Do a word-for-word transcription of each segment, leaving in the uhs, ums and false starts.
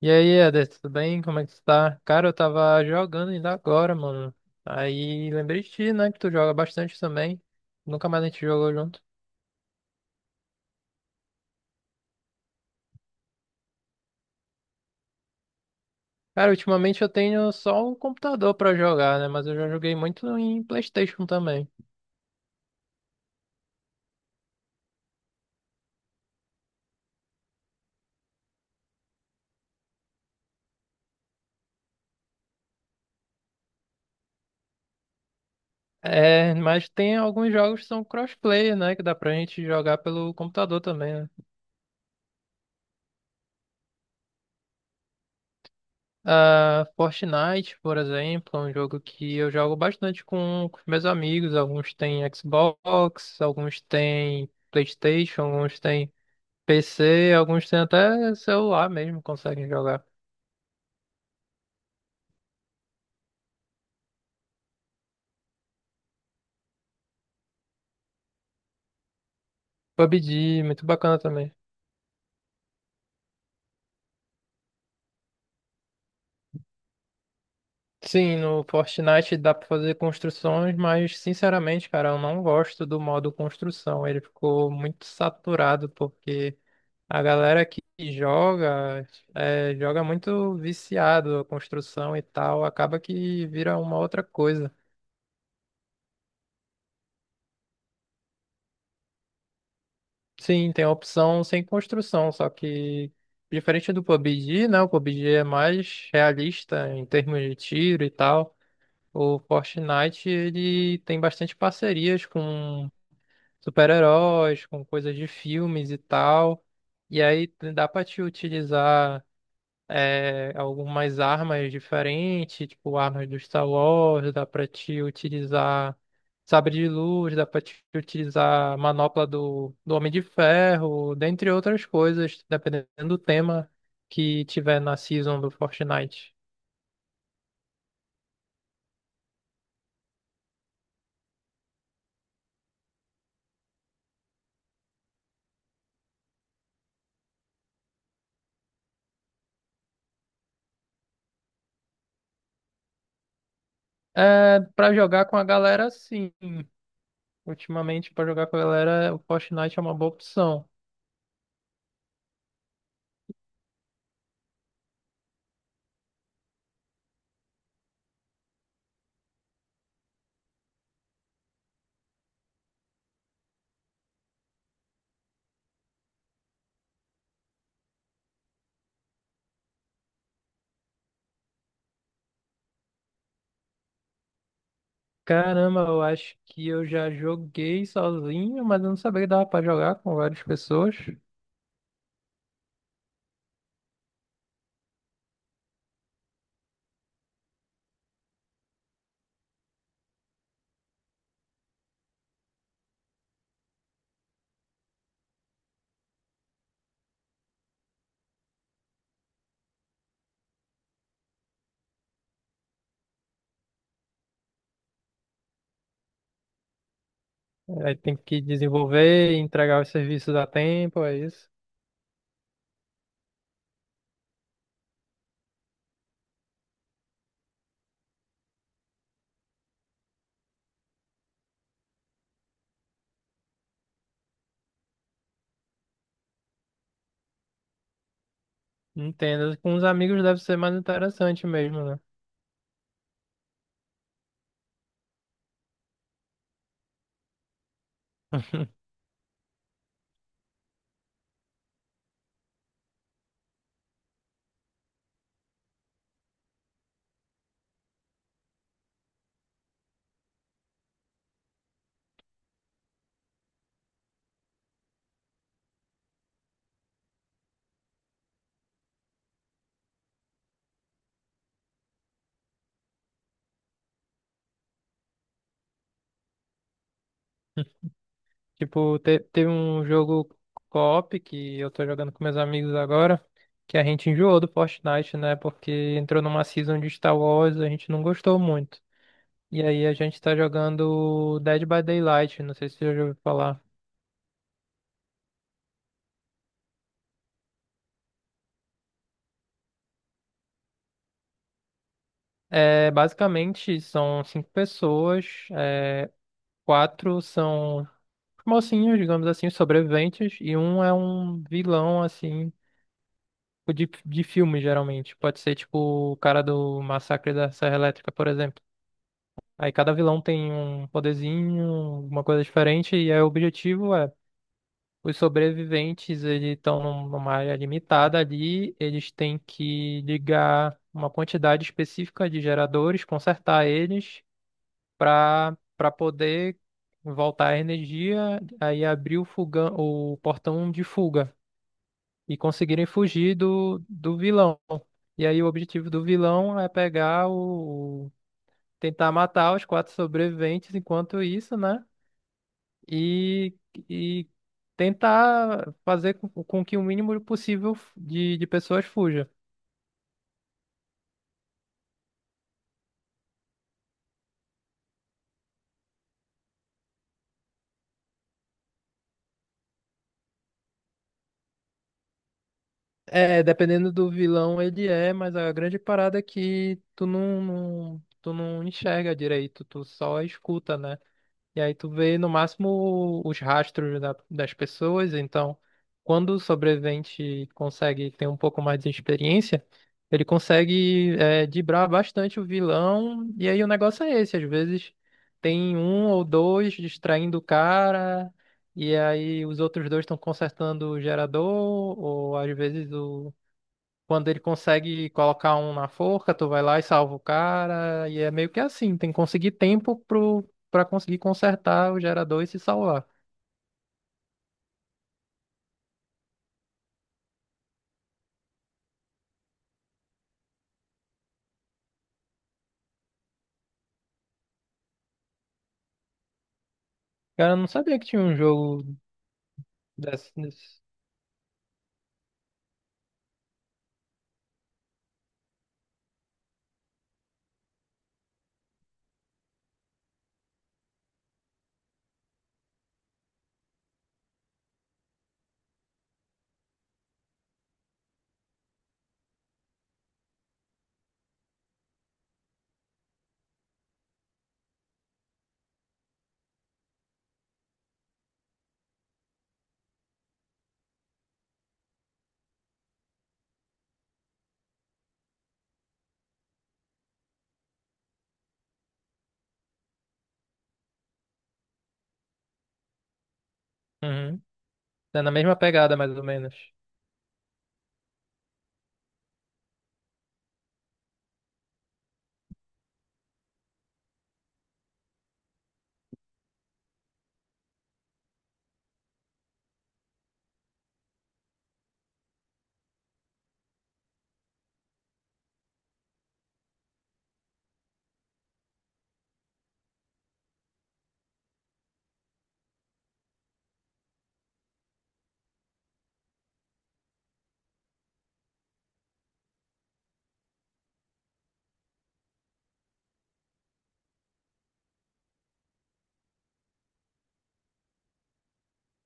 E aí, Eder, tudo bem? Como é que tu tá? Cara, eu tava jogando ainda agora, mano. Aí lembrei de ti, né? Que tu joga bastante também. Nunca mais a gente jogou junto. Cara, ultimamente eu tenho só o computador pra jogar, né? Mas eu já joguei muito em PlayStation também. É, mas tem alguns jogos que são crossplay, né? Que dá pra gente jogar pelo computador também, né? Ah, Fortnite, por exemplo, é um jogo que eu jogo bastante com, com meus amigos. Alguns têm Xbox, alguns têm PlayStation, alguns têm P C, alguns têm até celular mesmo, conseguem jogar. P U B G, muito bacana também. Sim, no Fortnite dá pra fazer construções, mas sinceramente, cara, eu não gosto do modo construção. Ele ficou muito saturado porque a galera que joga é, joga muito viciado a construção e tal, acaba que vira uma outra coisa. Sim, tem a opção sem construção, só que diferente do P U B G, né? O P U B G é mais realista em termos de tiro e tal. O Fortnite ele tem bastante parcerias com super-heróis, com coisas de filmes e tal. E aí né, dá pra te utilizar é, algumas armas diferentes, tipo armas do Star Wars, dá pra te utilizar sabre de luz, dá pra te utilizar manopla do, do Homem de Ferro, dentre outras coisas, dependendo do tema que tiver na season do Fortnite. É, pra jogar com a galera, sim. Ultimamente, pra jogar com a galera, o Fortnite é uma boa opção. Caramba, eu acho que eu já joguei sozinho, mas eu não sabia que dava pra jogar com várias pessoas. Aí tem que desenvolver, entregar os serviços a tempo, é isso. Entendo. Com os amigos deve ser mais interessante mesmo, né? Tipo, te- teve um jogo co-op que eu tô jogando com meus amigos agora, que a gente enjoou do Fortnite, né? Porque entrou numa season de Star Wars, a gente não gostou muito. E aí a gente tá jogando Dead by Daylight, não sei se você já ouviu falar. É, basicamente, são cinco pessoas, é, quatro são mocinhos, digamos assim, os sobreviventes, e um é um vilão, assim, tipo de, de filme, geralmente. Pode ser, tipo, o cara do Massacre da Serra Elétrica, por exemplo. Aí cada vilão tem um poderzinho, uma coisa diferente, e aí o objetivo é, os sobreviventes, eles estão numa área limitada ali, eles têm que ligar uma quantidade específica de geradores, consertar eles, para para poder voltar a energia, aí abrir o fogão, o portão de fuga e conseguirem fugir do, do vilão. E aí o objetivo do vilão é pegar o, o- tentar matar os quatro sobreviventes enquanto isso, né? E, e tentar fazer com, com que o mínimo possível de, de pessoas fuja. É, dependendo do vilão ele é, mas a grande parada é que tu não, não- tu não enxerga direito, tu só escuta, né? E aí tu vê no máximo os rastros da- das pessoas, então quando o sobrevivente consegue ter um pouco mais de experiência, ele consegue é, driblar bastante o vilão, e aí o negócio é esse, às vezes tem um ou dois distraindo o cara, e aí os outros dois estão consertando o gerador, ou às vezes o quando ele consegue colocar um na forca, tu vai lá e salva o cara. E é meio que assim, tem que conseguir tempo pro, pra conseguir consertar o gerador e se salvar. Cara, eu não sabia que tinha um jogo desse. desse. Uhum. É na mesma pegada, mais ou menos.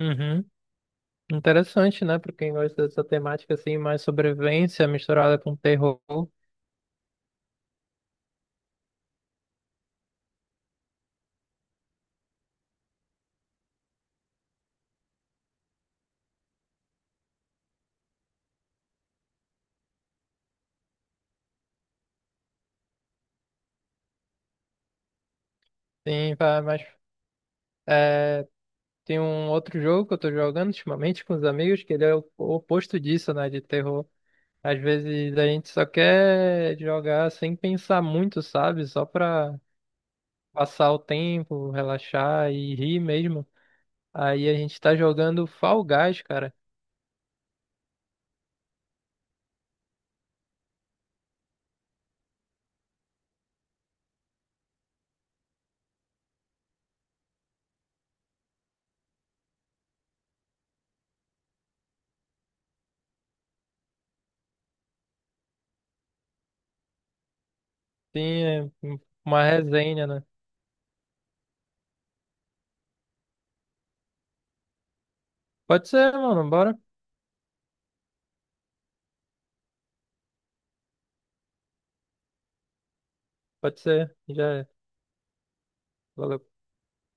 Uhum. Interessante, né? Pra quem gosta dessa temática assim, mais sobrevivência misturada com terror. Sim, vai, mas é, tem um outro jogo que eu tô jogando ultimamente com os amigos, que ele é o o oposto disso, né? De terror. Às vezes a gente só quer jogar sem pensar muito, sabe? Só pra passar o tempo, relaxar e rir mesmo. Aí a gente tá jogando Fall Guys, cara. Tem é, um- uma resenha, né? Pode ser, mano, bora? Pode ser. Já é. Valeu.